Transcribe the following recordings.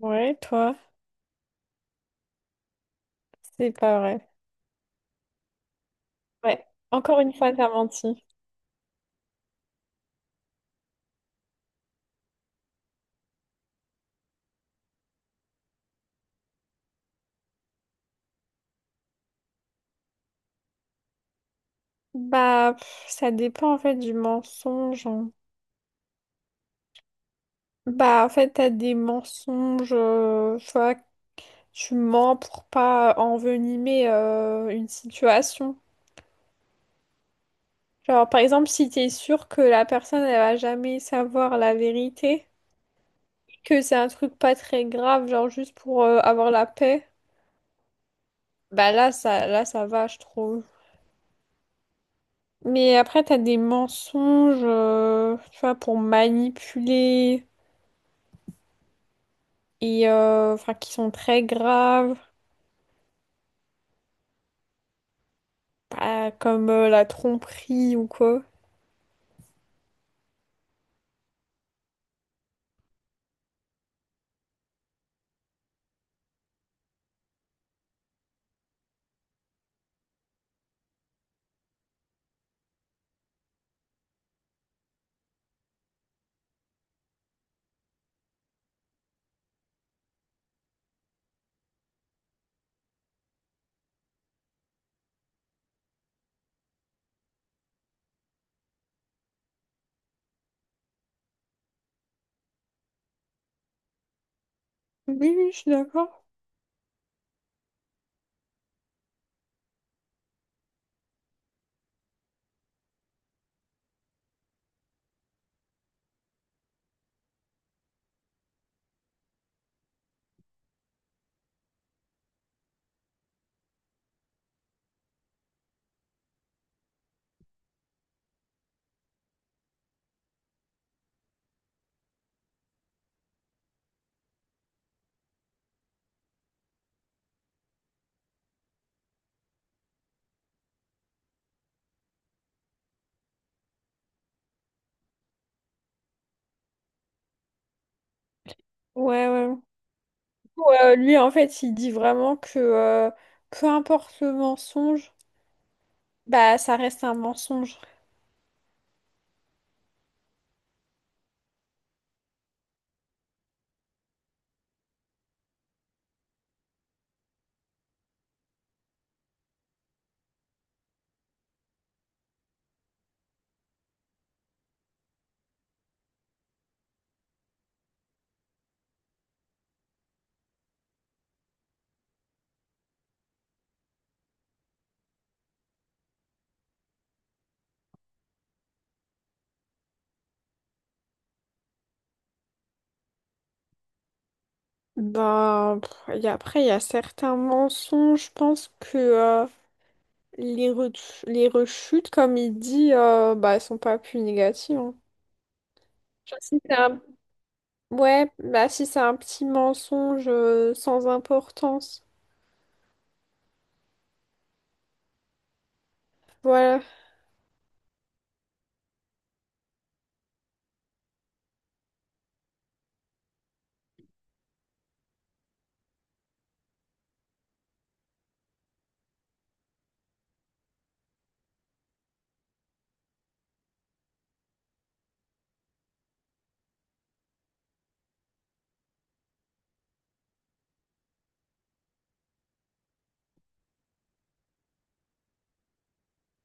Ouais, toi, c'est pas vrai. Ouais, encore une fois, t'as menti. Bah, pff, ça dépend en fait du mensonge, hein. Bah, en fait, t'as des mensonges, tu vois, tu mens pour pas envenimer une situation. Genre, par exemple, si t'es sûr que la personne, elle va jamais savoir la vérité, que c'est un truc pas très grave, genre juste pour avoir la paix, bah là, ça va, je trouve. Mais après, t'as des mensonges, tu vois, pour manipuler et enfin qui sont très graves, bah, comme la tromperie ou quoi. Oui, oui, je suis d'accord. Ouais, ouais. Ouais, lui, en fait, il dit vraiment que peu importe le mensonge, bah ça reste un mensonge. Ben, pff, et après, il y a certains mensonges, je pense que les, les rechutes, comme il dit, bah, elles sont pas plus négatives, hein. Genre, Si t'es un Ouais, bah si c'est un petit mensonge sans importance. Voilà.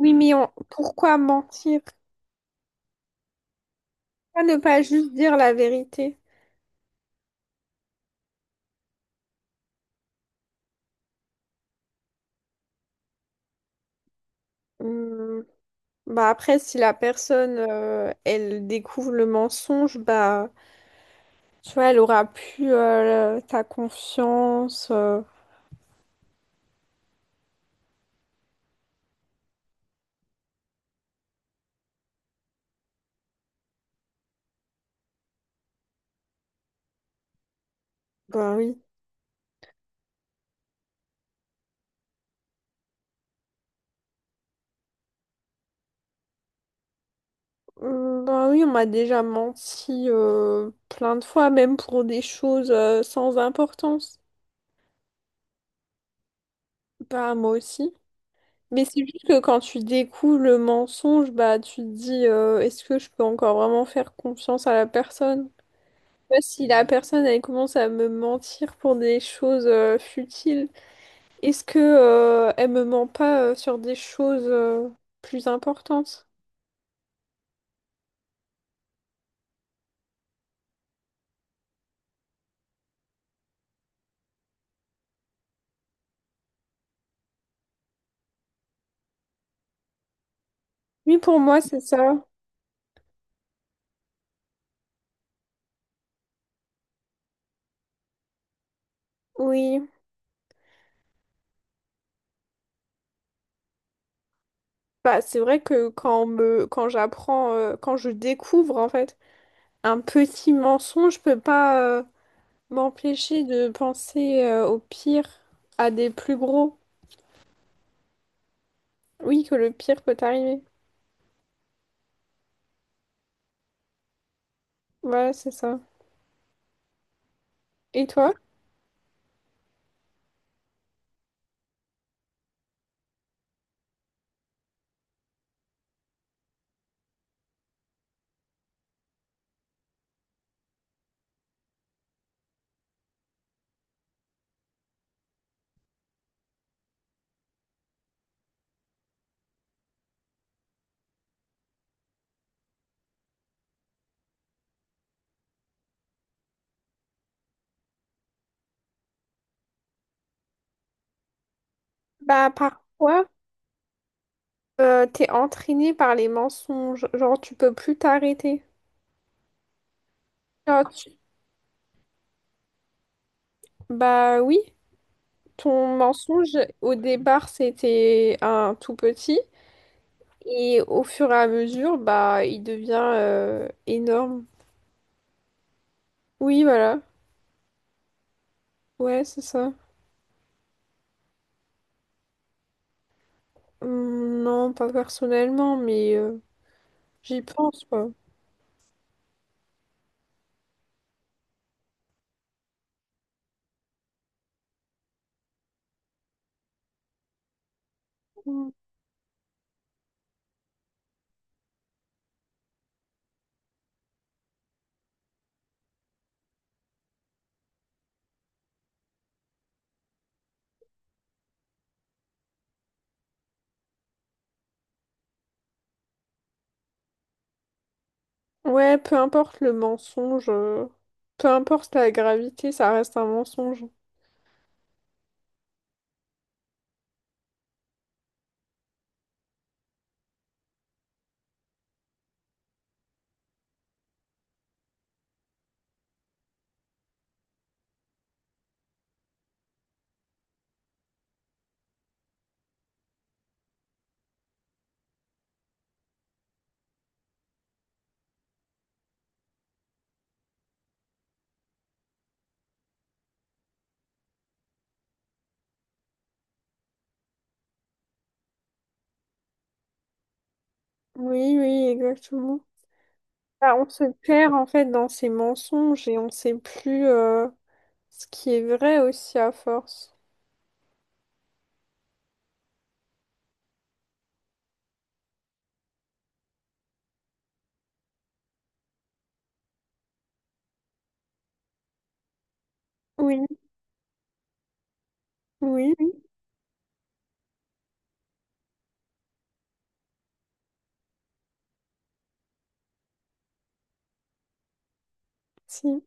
Oui, mais pourquoi mentir? Pourquoi ne pas juste dire la vérité? Hum, Bah après, si la personne, elle découvre le mensonge, bah tu vois, elle aura plus ta confiance. Bah oui. Bah oui, on m'a déjà menti plein de fois, même pour des choses sans importance. Bah moi aussi. Mais c'est juste que quand tu découvres le mensonge, bah tu te dis est-ce que je peux encore vraiment faire confiance à la personne? Tu si la personne elle commence à me mentir pour des choses futiles, est-ce que elle me ment pas sur des choses plus importantes? Oui, pour moi c'est ça. Oui. Bah c'est vrai que quand on me quand j'apprends quand je découvre en fait un petit mensonge, je peux pas m'empêcher de penser au pire à des plus gros. Oui, que le pire peut t'arriver. Voilà, c'est ça. Et toi? Bah, parfois, t'es entraîné par les mensonges. Genre, tu peux plus t'arrêter. Genre, tu- Bah oui, ton mensonge, au départ, c'était un tout petit. Et au fur et à mesure, bah, il devient énorme. Oui, voilà. Ouais, c'est ça. Non, pas personnellement, mais j'y pense, quoi. Mmh. Ouais, peu importe le mensonge, peu importe la gravité, ça reste un mensonge. Oui, oui, exactement. Bah, on se perd en fait dans ces mensonges et on sait plus ce qui est vrai aussi à force. Oui, oui, oui, si.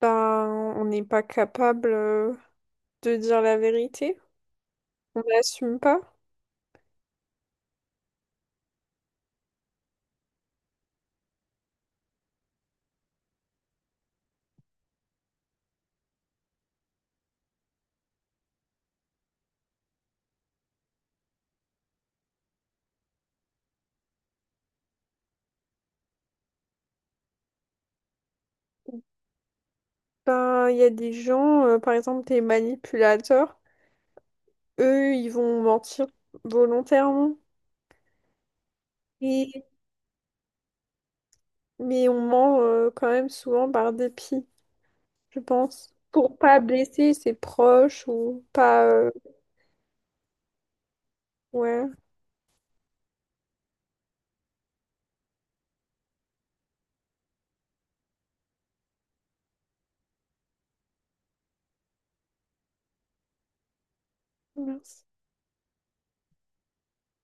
Ben, on n'est pas capable de dire la vérité. On n'assume pas. Ben, il y a des gens, par exemple des manipulateurs, eux, ils vont mentir volontairement. Et mais on ment quand même souvent par dépit, je pense. Pour pas blesser ses proches ou pas... ouais, merci.